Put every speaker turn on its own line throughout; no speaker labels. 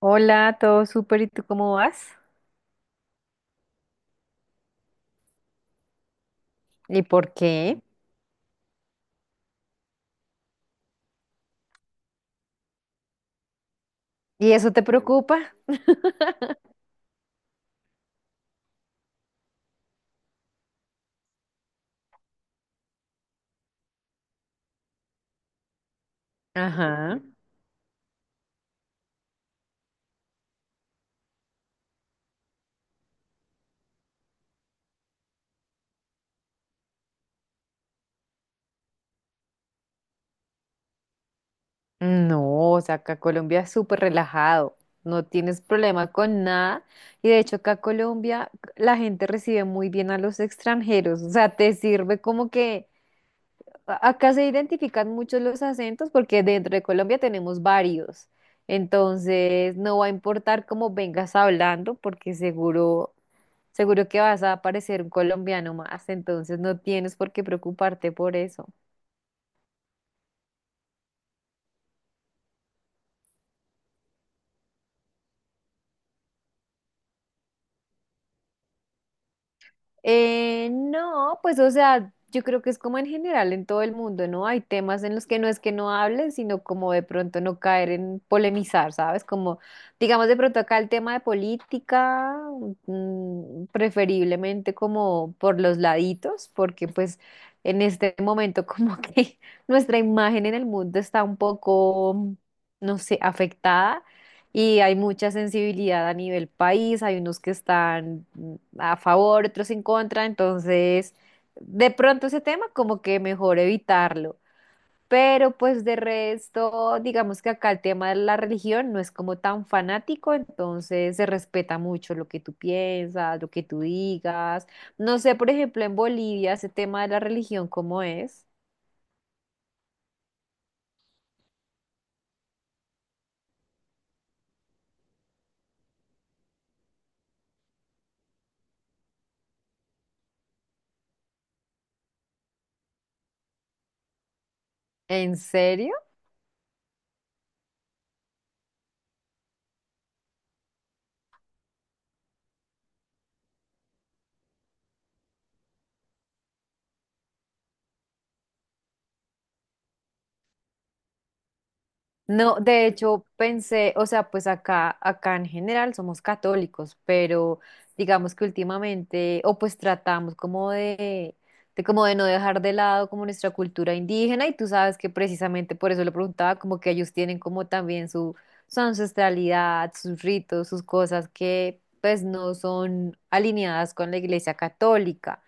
Hola, todo súper, ¿y tú cómo vas? ¿Y por qué? ¿Y eso te preocupa? Ajá. No, o sea, acá Colombia es súper relajado, no tienes problema con nada. Y de hecho, acá Colombia la gente recibe muy bien a los extranjeros, o sea, te sirve como que acá se identifican mucho los acentos porque dentro de Colombia tenemos varios. Entonces, no va a importar cómo vengas hablando, porque seguro que vas a parecer un colombiano más, entonces no tienes por qué preocuparte por eso. No, pues o sea, yo creo que es como en general en todo el mundo, ¿no? Hay temas en los que no es que no hables, sino como de pronto no caer en polemizar, ¿sabes? Como, digamos de pronto acá el tema de política, mm, preferiblemente como por los laditos, porque pues en este momento como que nuestra imagen en el mundo está un poco, no sé, afectada. Y hay mucha sensibilidad a nivel país, hay unos que están mm, a favor, otros en contra, entonces de pronto ese tema como que mejor evitarlo. Pero pues de resto, digamos que acá el tema de la religión no es como tan fanático, entonces se respeta mucho lo que tú piensas, lo que tú digas. No sé, por ejemplo, en Bolivia ese tema de la religión, ¿cómo es? ¿En serio? No, de hecho pensé, o sea, pues acá en general somos católicos, pero digamos que últimamente, o pues tratamos como de como de no dejar de lado como nuestra cultura indígena, y tú sabes que precisamente por eso le preguntaba, como que ellos tienen como también su ancestralidad, sus ritos, sus cosas que pues no son alineadas con la iglesia católica.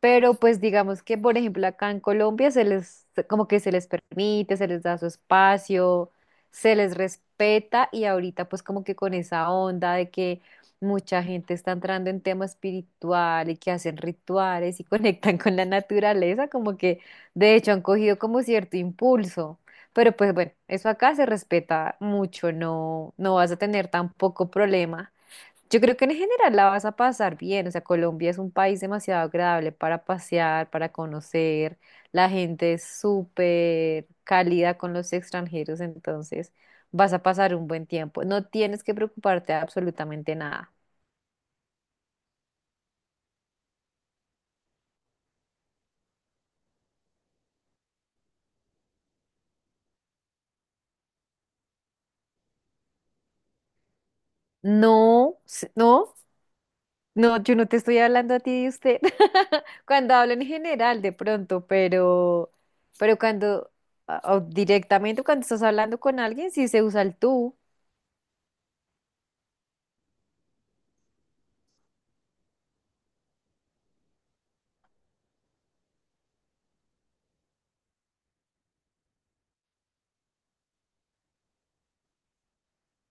Pero pues digamos que, por ejemplo, acá en Colombia se les, como que se les permite, se les da su espacio, se les respeta y ahorita pues como que con esa onda de que mucha gente está entrando en tema espiritual y que hacen rituales y conectan con la naturaleza, como que de hecho han cogido como cierto impulso. Pero pues bueno, eso acá se respeta mucho, no, no vas a tener tampoco problema. Yo creo que en general la vas a pasar bien, o sea, Colombia es un país demasiado agradable para pasear, para conocer, la gente es súper cálida con los extranjeros, entonces vas a pasar un buen tiempo, no tienes que preocuparte de absolutamente nada. No, no, no, yo no te estoy hablando a ti de usted, cuando hablo en general de pronto, pero cuando, directamente cuando estás hablando con alguien, sí se usa el tú.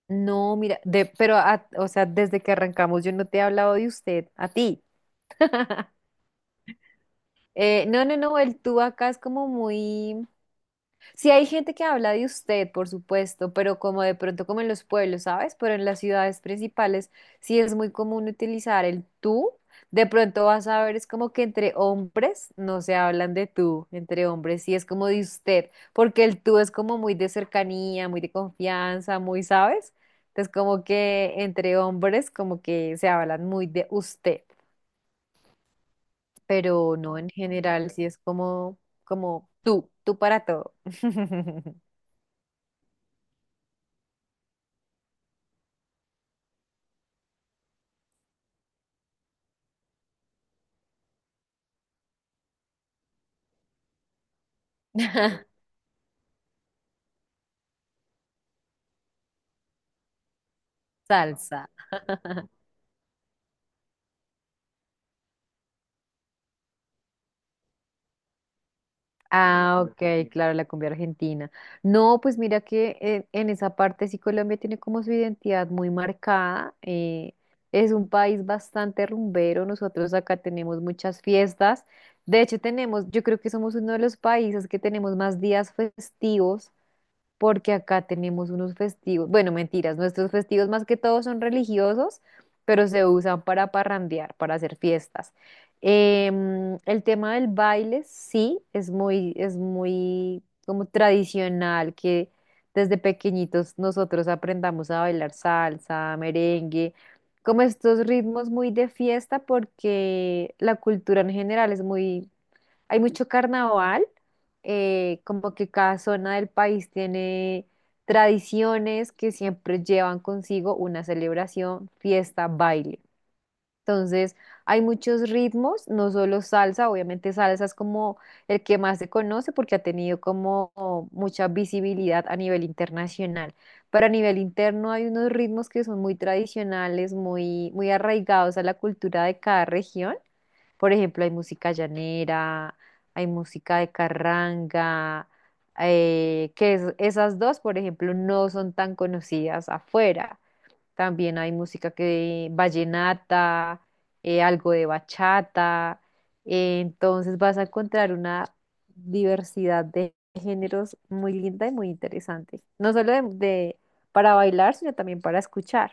No, mira, de, pero, o sea, desde que arrancamos yo no te he hablado de usted, a ti. No, no, no, el tú acá es como muy, sí, hay gente que habla de usted, por supuesto, pero como de pronto como en los pueblos, ¿sabes? Pero en las ciudades principales sí es muy común utilizar el tú. De pronto vas a ver, es como que entre hombres no se hablan de tú, entre hombres sí es como de usted, porque el tú es como muy de cercanía, muy de confianza, muy, ¿sabes? Entonces como que entre hombres como que se hablan muy de usted, pero no en general, sí es como, como tú para todo. Salsa. Ah, ok, claro, la cumbia argentina. No, pues mira que en esa parte sí Colombia tiene como su identidad muy marcada. Es un país bastante rumbero. Nosotros acá tenemos muchas fiestas. De hecho, tenemos, yo creo que somos uno de los países que tenemos más días festivos porque acá tenemos unos festivos, bueno, mentiras, nuestros festivos más que todo son religiosos, pero se usan para parrandear, para hacer fiestas. El tema del baile sí es muy como tradicional que desde pequeñitos nosotros aprendamos a bailar salsa, merengue, como estos ritmos muy de fiesta porque la cultura en general es muy hay mucho carnaval, como que cada zona del país tiene tradiciones que siempre llevan consigo una celebración, fiesta, baile. Entonces, hay muchos ritmos, no solo salsa, obviamente salsa es como el que más se conoce porque ha tenido como mucha visibilidad a nivel internacional. Pero a nivel interno hay unos ritmos que son muy tradicionales, muy, muy arraigados a la cultura de cada región. Por ejemplo, hay música llanera, hay música de carranga, que esas dos, por ejemplo, no son tan conocidas afuera. También hay música que vallenata, algo de bachata. Entonces vas a encontrar una diversidad de géneros muy linda y muy interesante. No solo para bailar, sino también para escuchar.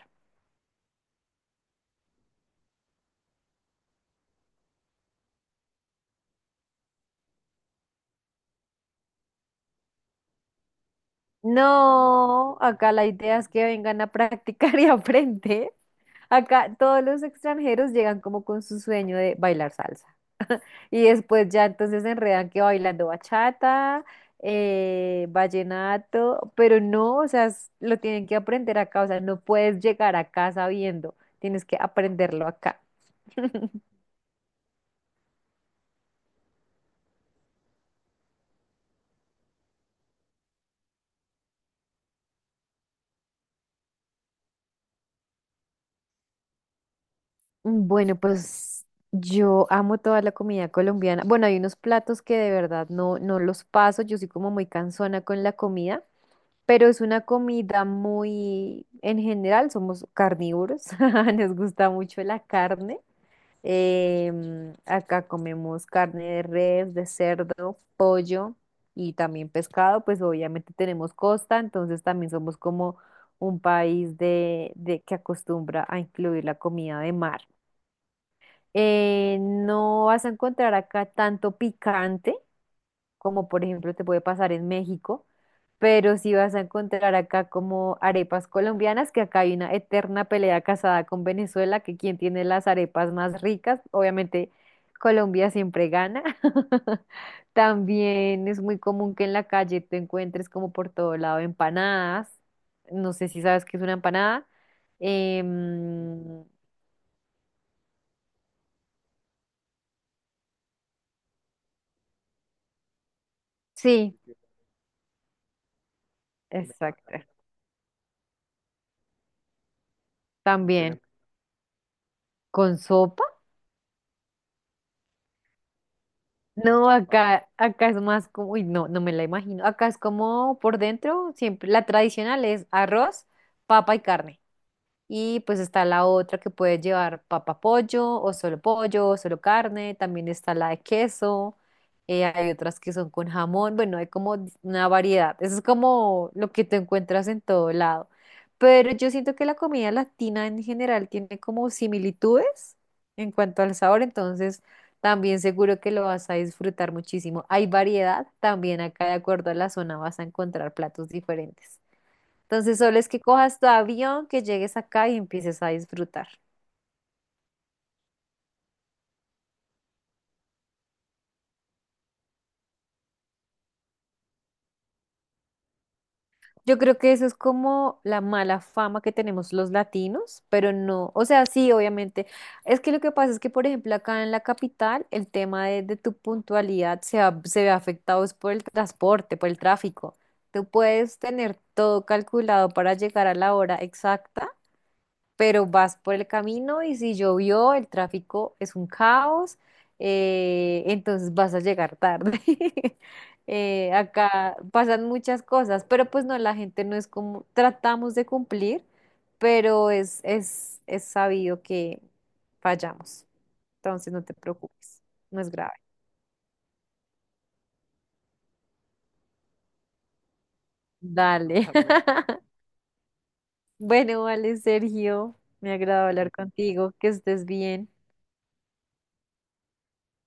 No, acá la idea es que vengan a practicar y aprender. Acá todos los extranjeros llegan como con su sueño de bailar salsa. Y después ya entonces se enredan que bailando bachata, vallenato, pero no, o sea, lo tienen que aprender acá, o sea, no puedes llegar acá sabiendo, tienes que aprenderlo acá. Bueno, pues yo amo toda la comida colombiana. Bueno, hay unos platos que de verdad no, no los paso, yo soy como muy cansona con la comida, pero es una comida muy, en general somos carnívoros, nos gusta mucho la carne. Acá comemos carne de res, de cerdo, pollo y también pescado, pues obviamente tenemos costa, entonces también somos como un país de que acostumbra a incluir la comida de mar. No vas a encontrar acá tanto picante, como por ejemplo te puede pasar en México, pero sí vas a encontrar acá como arepas colombianas, que acá hay una eterna pelea casada con Venezuela, que quien tiene las arepas más ricas, obviamente Colombia siempre gana. También es muy común que en la calle te encuentres como por todo lado empanadas. No sé si sabes qué es una empanada. Em, sí, exacto. También con sopa. No, acá es más como, uy, no, no me la imagino. Acá es como por dentro, siempre, la tradicional es arroz, papa y carne. Y pues está la otra que puede llevar papa pollo o solo carne. También está la de queso. Hay otras que son con jamón. Bueno, hay como una variedad. Eso es como lo que te encuentras en todo lado. Pero yo siento que la comida latina en general tiene como similitudes en cuanto al sabor. Entonces también seguro que lo vas a disfrutar muchísimo. Hay variedad. También acá de acuerdo a la zona vas a encontrar platos diferentes. Entonces solo es que cojas tu avión, que llegues acá y empieces a disfrutar. Yo creo que eso es como la mala fama que tenemos los latinos, pero no, o sea, sí, obviamente. Es que lo que pasa es que, por ejemplo, acá en la capital, el tema de tu puntualidad se, se ve afectado es por el transporte, por el tráfico. Tú puedes tener todo calculado para llegar a la hora exacta pero vas por el camino y si llovió, el tráfico es un caos, entonces vas a llegar tarde. Acá pasan muchas cosas, pero pues no, la gente no es como, tratamos de cumplir, pero es sabido que fallamos, entonces no te preocupes, no es grave. Dale. Bueno, vale, Sergio, me ha agradado hablar contigo, que estés bien.